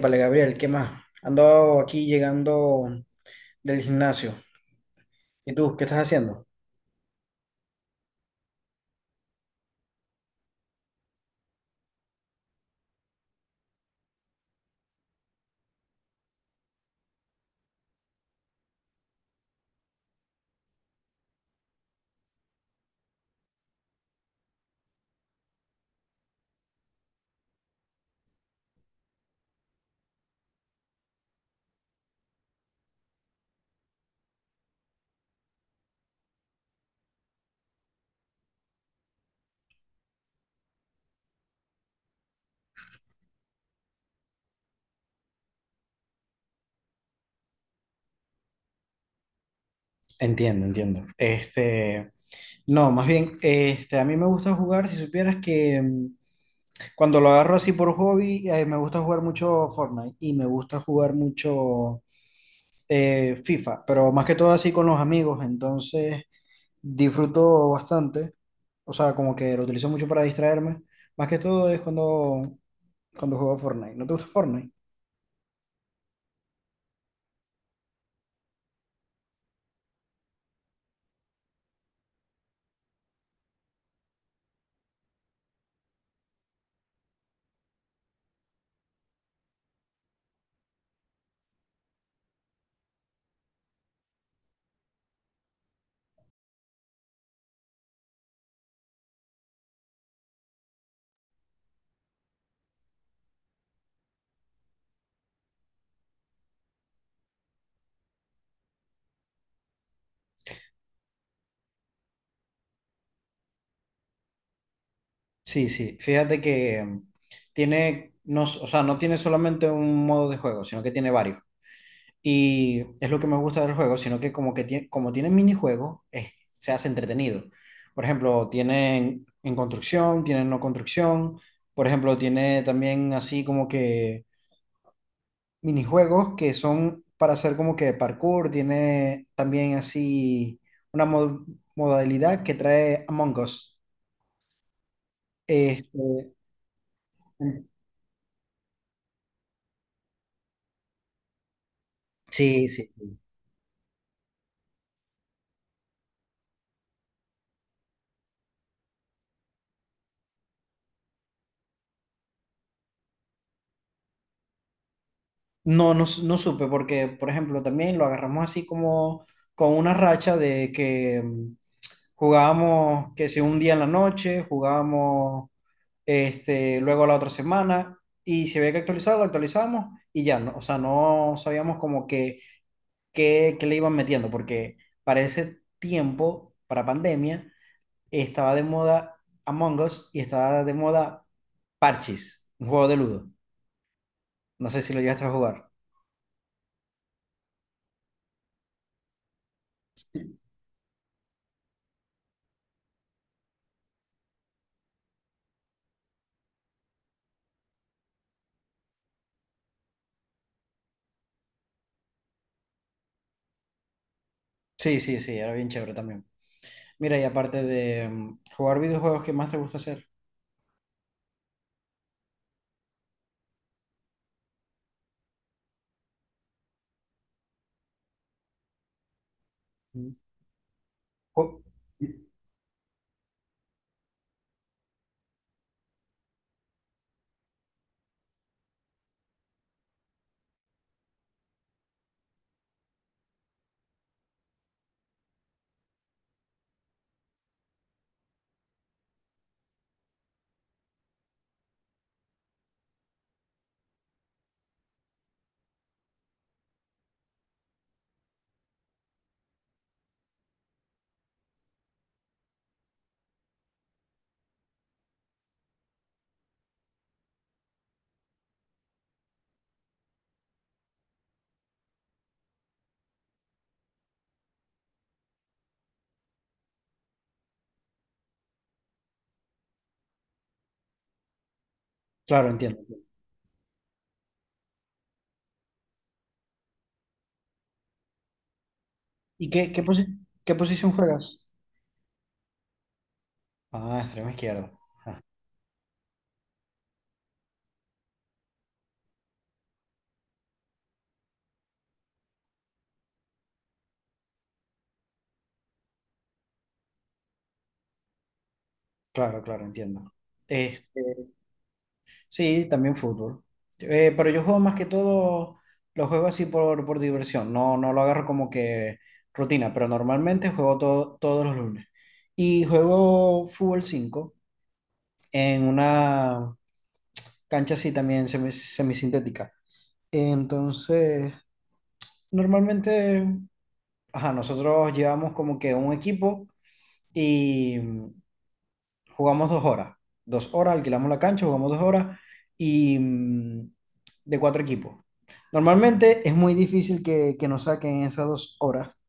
Vale Gabriel, ¿qué más? Ando aquí llegando del gimnasio. ¿Y tú, qué estás haciendo? Entiendo, entiendo. Este, no, más bien, este, a mí me gusta jugar, si supieras que cuando lo agarro así por hobby, me gusta jugar mucho Fortnite y me gusta jugar mucho FIFA, pero más que todo así con los amigos, entonces disfruto bastante, o sea, como que lo utilizo mucho para distraerme, más que todo es cuando juego Fortnite. ¿No te gusta Fortnite? Sí, sí, fíjate que tiene, no, o sea, no tiene solamente un modo de juego, sino que tiene varios. Y es lo que me gusta del juego, sino que como que como tiene minijuegos, se hace entretenido. Por ejemplo, tienen en construcción, tienen no construcción. Por ejemplo, tiene también así como que minijuegos que son para hacer como que parkour. Tiene también así una modalidad que trae Among Us. Este, sí, sí. Sí. No, no, no supe, porque, por ejemplo, también lo agarramos así como con una racha de que jugábamos, que si un día en la noche, jugábamos este, luego la otra semana, y si había que actualizarlo, lo actualizábamos, y ya, no, o sea, no sabíamos como que, que le iban metiendo, porque para ese tiempo, para pandemia, estaba de moda Among Us y estaba de moda Parchis, un juego de Ludo. No sé si lo llegaste a jugar. Sí, sí, sí, era bien chévere también. Mira, y aparte de jugar videojuegos, ¿qué más te gusta hacer? Mm. Ju- Claro, entiendo. ¿Y qué posición juegas? Ah, extremo izquierdo. Claro, claro, entiendo. Este, sí, también fútbol. Pero yo juego más que todo, lo juego así por diversión. No, no lo agarro como que rutina, pero normalmente juego todos los lunes. Y juego fútbol 5 en una cancha así también semisintética. Entonces, normalmente, ajá, nosotros llevamos como que un equipo y jugamos 2 horas. 2 horas, alquilamos la cancha, jugamos 2 horas y de cuatro equipos. Normalmente es muy difícil que, nos saquen esas 2 horas.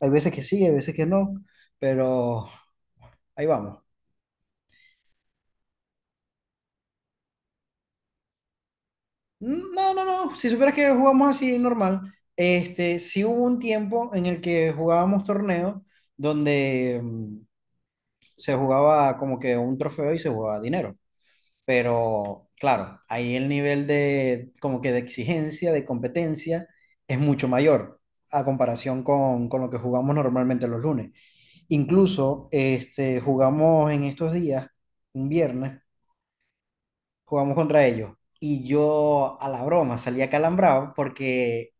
Hay veces que sí, hay veces que no, pero ahí vamos. No, no, no. Si supieras que jugamos así normal, este, sí hubo un tiempo en el que jugábamos torneos donde se jugaba como que un trofeo y se jugaba dinero. Pero claro, ahí el nivel de como que de exigencia, de competencia, es mucho mayor a comparación con lo que jugamos normalmente los lunes. Incluso este, jugamos en estos días, un viernes, jugamos contra ellos. Y yo a la broma salía calambrado porque,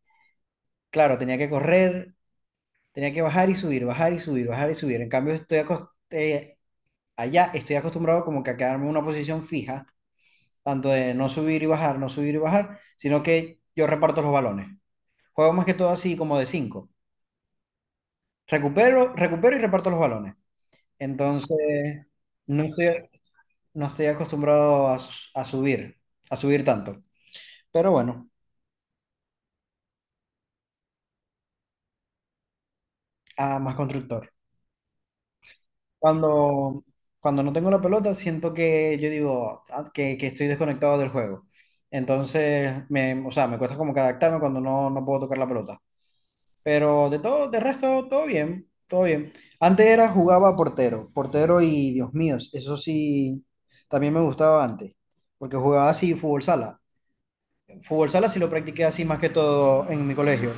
claro, tenía que correr, tenía que bajar y subir, bajar y subir, bajar y subir. En cambio, estoy allá estoy acostumbrado como que a quedarme en una posición fija tanto de no subir y bajar, no subir y bajar, sino que yo reparto los balones. Juego más que todo así como de cinco. Recupero, recupero y reparto los balones. Entonces, no estoy, no estoy acostumbrado a subir tanto. Pero bueno, a más constructor. Cuando, cuando no tengo la pelota, siento que yo digo ah, que estoy desconectado del juego. Entonces, o sea, me cuesta como que adaptarme cuando no puedo tocar la pelota. Pero de todo, de resto, todo bien, todo bien. Antes era jugaba portero, portero y Dios mío, eso sí, también me gustaba antes, porque jugaba así fútbol sala. Fútbol sala sí lo practiqué así más que todo en mi colegio.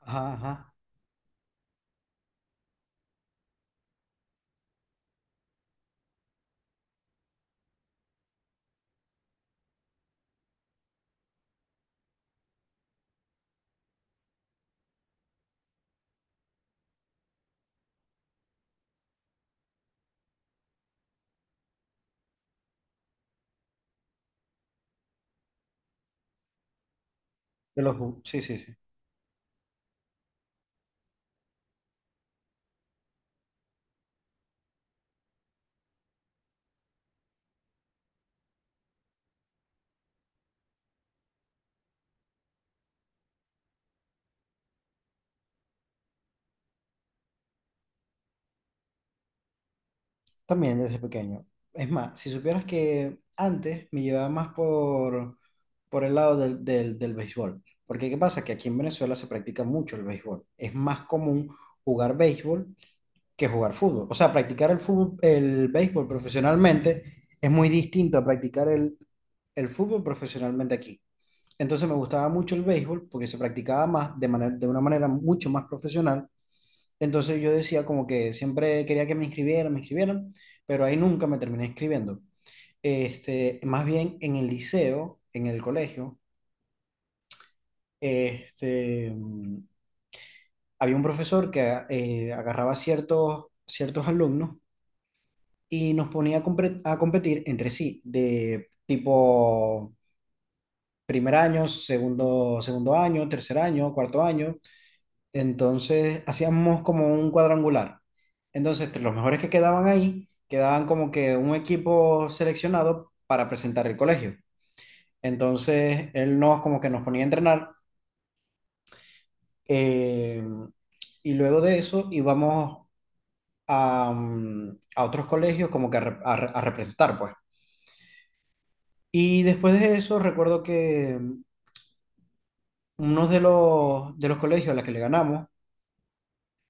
Ajá, ajá. Sí, sí, sí. También desde pequeño. Es más, si supieras que antes me llevaba más por el lado del béisbol. Porque ¿qué pasa? Que aquí en Venezuela se practica mucho el béisbol. Es más común jugar béisbol que jugar fútbol. O sea, practicar el fútbol, el béisbol profesionalmente es muy distinto a practicar el fútbol profesionalmente aquí. Entonces me gustaba mucho el béisbol porque se practicaba más de una manera mucho más profesional. Entonces yo decía como que siempre quería que me inscribieran, pero ahí nunca me terminé inscribiendo. Este, más bien en el liceo, en el colegio, este, había un profesor que agarraba ciertos alumnos y nos ponía a competir entre sí, de tipo primer año, segundo año, tercer año, cuarto año. Entonces hacíamos como un cuadrangular. Entonces, entre los mejores que quedaban ahí, quedaban como que un equipo seleccionado para presentar el colegio. Entonces, él nos como que nos ponía a entrenar eh, y luego de eso íbamos a otros colegios como que a representar, pues. Y después de eso, recuerdo que uno de los colegios a los que le ganamos,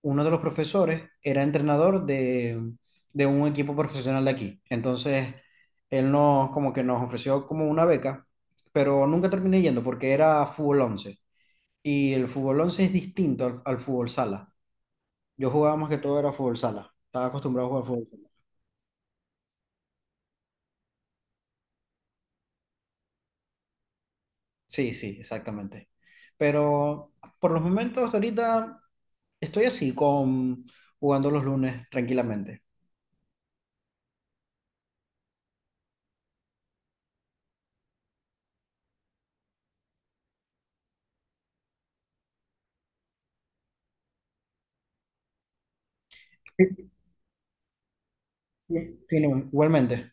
uno de los profesores era entrenador de un equipo profesional de aquí. Entonces, él como que nos ofreció como una beca, pero nunca terminé yendo porque era fútbol 11. Y el fútbol 11 es distinto al fútbol sala. Yo jugaba más que todo era fútbol sala. Estaba acostumbrado a jugar fútbol sala. Sí, sí, exactamente. Pero por los momentos, ahorita estoy así con jugando los lunes tranquilamente. Sí, sí. Fino, igualmente.